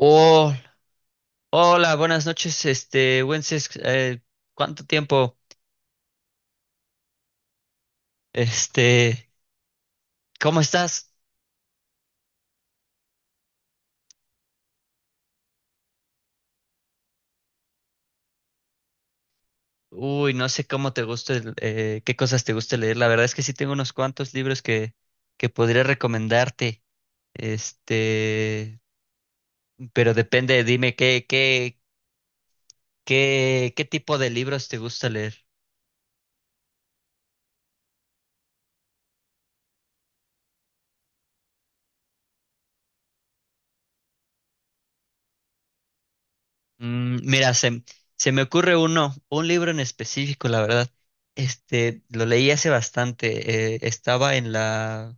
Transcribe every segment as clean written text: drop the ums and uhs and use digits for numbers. Oh, hola, buenas noches, Wences, ¿cuánto tiempo? Este, ¿Cómo estás? Uy, no sé cómo te gusta, qué cosas te gusta leer. La verdad es que sí tengo unos cuantos libros que podría recomendarte. Este, pero depende, dime qué tipo de libros te gusta leer. Mira, se me ocurre uno, un libro en específico, la verdad. Lo leí hace bastante. Estaba en la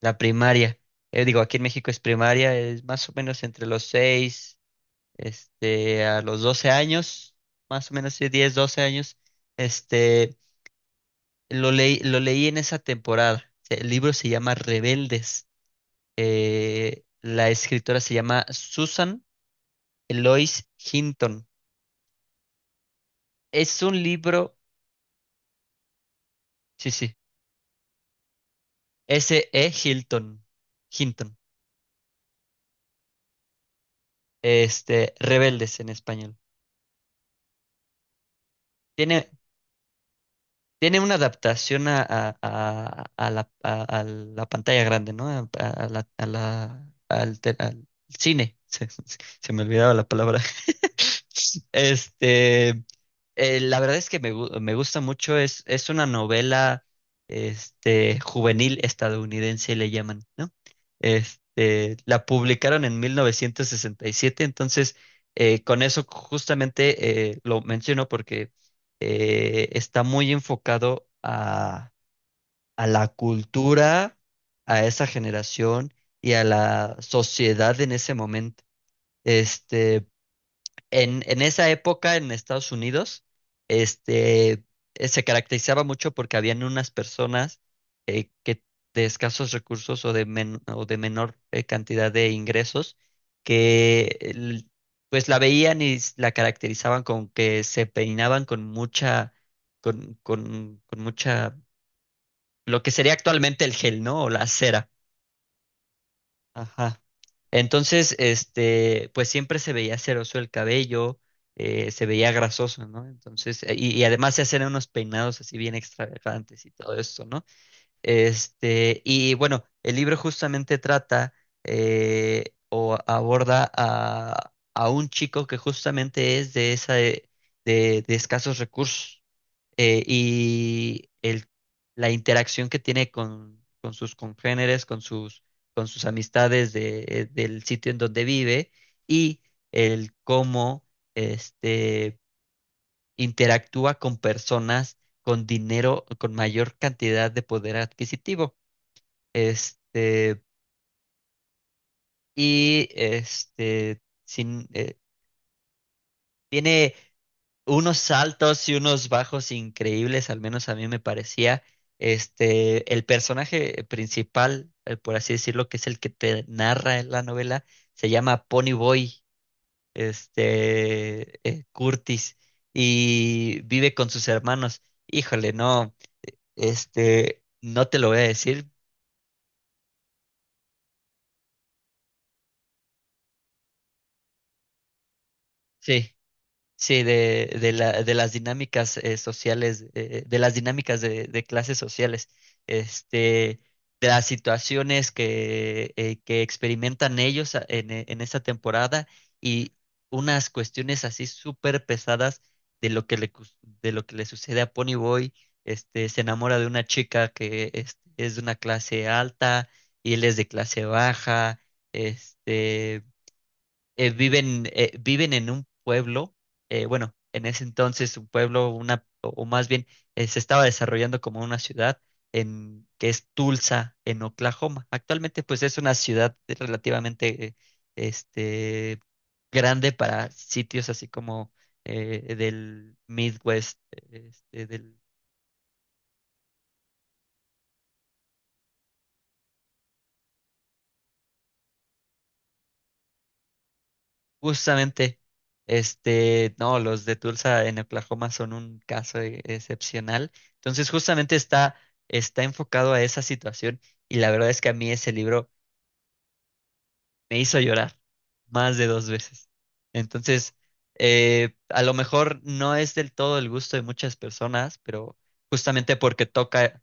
La primaria. Digo, aquí en México es primaria, es más o menos entre los 6, a los 12 años, más o menos sí, 10, 12 años. Este, lo leí en esa temporada. El libro se llama Rebeldes. La escritora se llama Susan Eloise Hinton. Es un libro, sí, sí, S E Hilton, Hinton. Rebeldes en español. Tiene, Tiene una adaptación a la pantalla grande, ¿no? A la- al, te- Al cine. Se me olvidaba la palabra. Este. La verdad es que me gusta mucho, es una novela, juvenil estadounidense, le llaman, ¿no? La publicaron en 1967, entonces con eso justamente lo menciono porque está muy enfocado a la cultura, a esa generación y a la sociedad en ese momento. Este, en esa época en Estados Unidos, este, se caracterizaba mucho porque habían unas personas que de escasos recursos o de menor cantidad de ingresos que el- pues la veían y la caracterizaban con que se peinaban con mucha, con mucha, lo que sería actualmente el gel, ¿no? O la cera. Ajá. Entonces, pues siempre se veía ceroso el cabello, se veía grasoso, ¿no? Entonces, y además se hacían unos peinados así bien extravagantes y todo esto, ¿no? Y bueno, el libro justamente trata, o aborda a un chico que justamente es de esa, de escasos recursos eh, y el, la interacción que tiene con sus congéneres, con sus amistades del sitio en donde vive y el cómo este, interactúa con personas con dinero, con mayor cantidad de poder adquisitivo. Este, y este, sin, Tiene unos saltos y unos bajos increíbles, al menos a mí me parecía. El personaje principal, por así decirlo, que es el que te narra en la novela, se llama Pony Boy, Curtis, y vive con sus hermanos. Híjole, no, no te lo voy a decir. Sí. Sí, de las dinámicas, sociales, de clases sociales, este, de las situaciones que experimentan ellos en esta temporada y unas cuestiones así súper pesadas de lo de lo que le sucede a Ponyboy. Se enamora de una chica que es de una clase alta y él es de clase baja. Este, Viven en un pueblo, bueno, en ese entonces un pueblo, una, o más bien se estaba desarrollando como una ciudad, que es Tulsa, en Oklahoma. Actualmente pues es una ciudad relativamente, este, grande para sitios así como del Midwest, este, del Justamente, no, los de Tulsa en Oklahoma son un caso excepcional. Entonces, justamente está enfocado a esa situación y la verdad es que a mí ese libro me hizo llorar más de 2 veces. Entonces, a lo mejor no es del todo el gusto de muchas personas, pero justamente porque toca,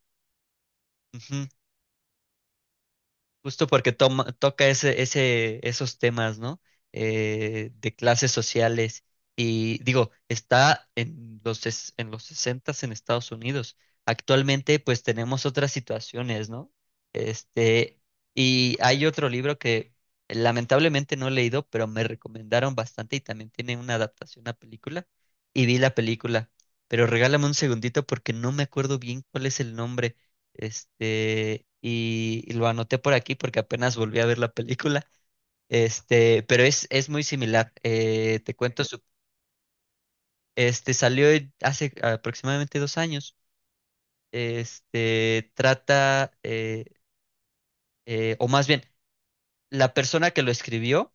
Justo porque toca esos temas, ¿no? De clases sociales. Y digo, está en los 60 en Estados Unidos. Actualmente, pues tenemos otras situaciones, ¿no? Este, y hay otro libro que lamentablemente no he leído, pero me recomendaron bastante y también tiene una adaptación a película. Y vi la película, pero regálame un segundito porque no me acuerdo bien cuál es el nombre. Y lo anoté por aquí porque apenas volví a ver la película. Es muy similar. Te cuento su, este, Salió hace aproximadamente 2 años. Este, trata, o más bien, La persona que lo escribió,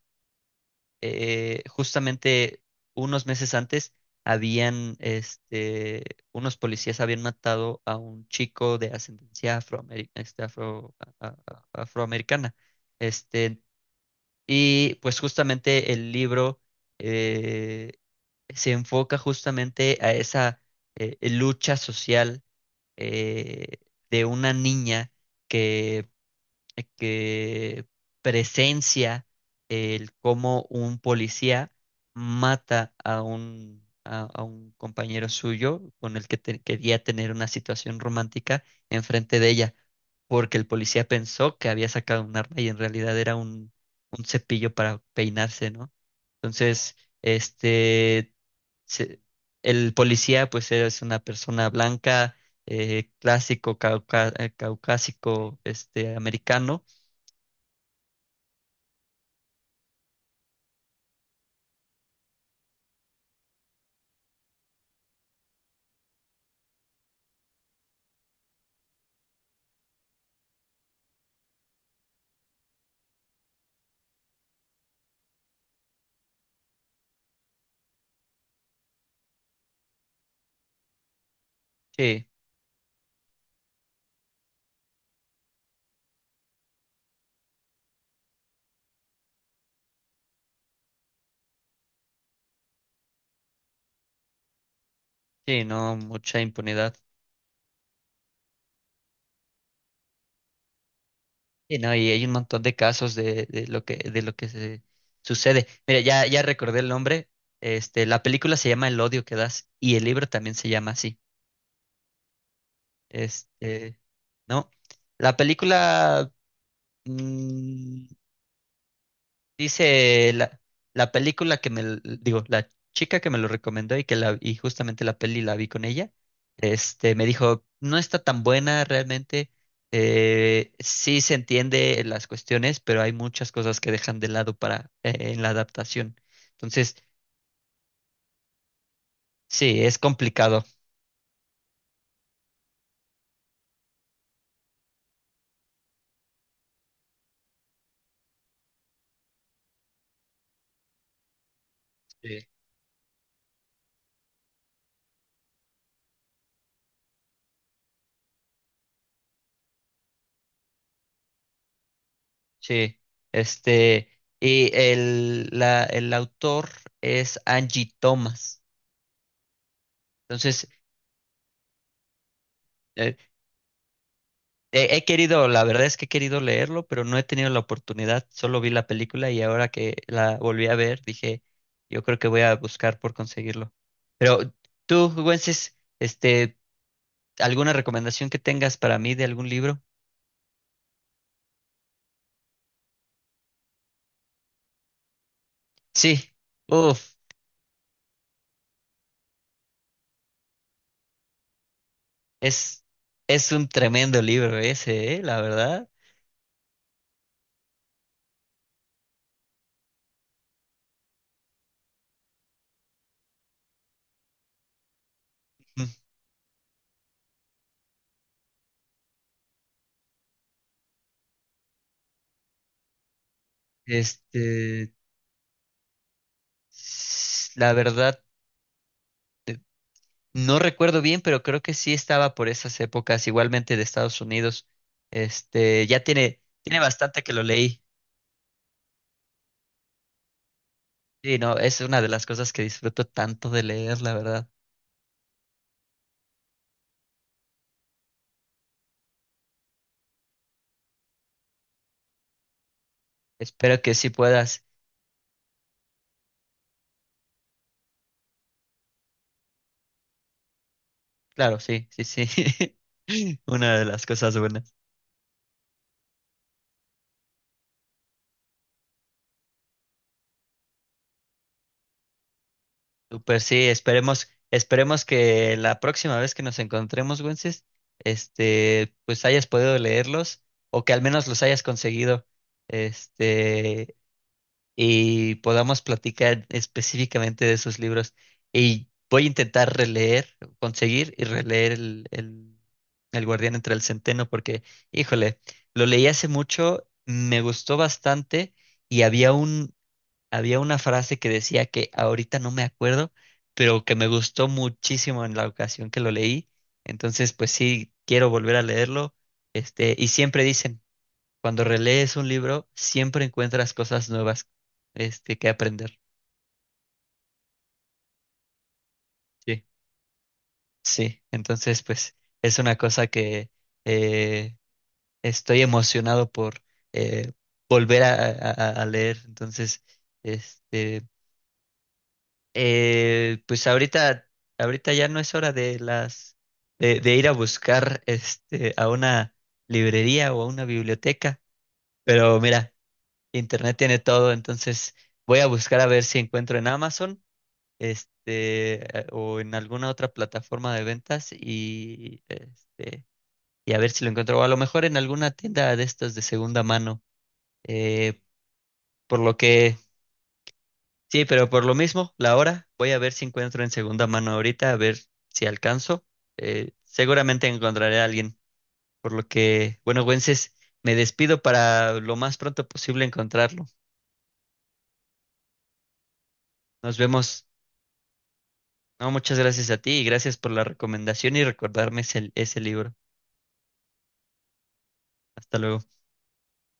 justamente unos meses antes, habían, este, unos policías habían matado a un chico de ascendencia a- a- afroamericana. Este, Y pues justamente el libro eh, se enfoca justamente a esa lucha social, eh, de una niña que que presencia el cómo un policía mata a a un compañero suyo con el que quería tener una situación romántica enfrente de ella, porque el policía pensó que había sacado un arma y en realidad era un cepillo para peinarse, ¿no? Entonces, este, se- el policía pues es una persona blanca, clásico, caucásico, americano. Sí, sí, no, mucha impunidad. Sí, no, y hay un montón de casos de lo que se sucede. Mira, ya recordé el nombre. La película se llama El odio que das y el libro también se llama así. Este, ¿No? La película, mm, dice la película que me, digo, la chica que me lo recomendó y justamente la peli la vi con ella, me dijo, no está tan buena realmente, sí se entiende las cuestiones, pero hay muchas cosas que dejan de lado para, en la adaptación. Entonces, sí, es complicado. Sí. Sí, este, el autor es Angie Thomas. Entonces, eh, he querido, la verdad es que he querido leerlo, pero no he tenido la oportunidad. Solo vi la película y ahora que la volví a ver, dije, yo creo que voy a buscar por conseguirlo. Pero tú, Güences, ¿alguna recomendación que tengas para mí de algún libro? Sí, uff, es, es un tremendo libro ese, ¿eh? La verdad. Mm. Este, la verdad, no recuerdo bien, pero creo que sí estaba por esas épocas, igualmente de Estados Unidos. Ya tiene bastante que lo leí. Sí, no, es una de las cosas que disfruto tanto de leer, la verdad. Espero que sí puedas. Claro, sí, sí, sí. Una de las cosas buenas. Super, sí, esperemos que la próxima vez que nos encontremos, Wences, pues hayas podido leerlos o que al menos los hayas conseguido. Este, y podamos platicar específicamente de esos libros. Y voy a intentar releer, conseguir y releer el Guardián entre el Centeno, porque, híjole, lo leí hace mucho, me gustó bastante y había una frase que decía que ahorita no me acuerdo, pero que me gustó muchísimo en la ocasión que lo leí. Entonces, pues sí, quiero volver a leerlo. Y siempre dicen, cuando relees un libro, siempre encuentras cosas nuevas, que aprender. Sí. Sí, entonces, pues, es una cosa que eh, estoy emocionado por eh, volver a leer. Entonces, este, pues ahorita ya no es hora de las, de ir a buscar, a una librería o a una biblioteca. Pero mira, internet tiene todo, entonces voy a buscar a ver si encuentro en Amazon, este, o en alguna otra plataforma de ventas y a ver si lo encuentro, o a lo mejor en alguna tienda de estas de segunda mano. eh, por lo que, sí, pero por lo mismo, la hora, voy a ver si encuentro en segunda mano ahorita, a ver si alcanzo. Seguramente encontraré a alguien, por lo que, bueno, Güences, me despido para lo más pronto posible encontrarlo. Nos vemos. No, muchas gracias a ti y gracias por la recomendación y recordarme ese libro. Hasta luego.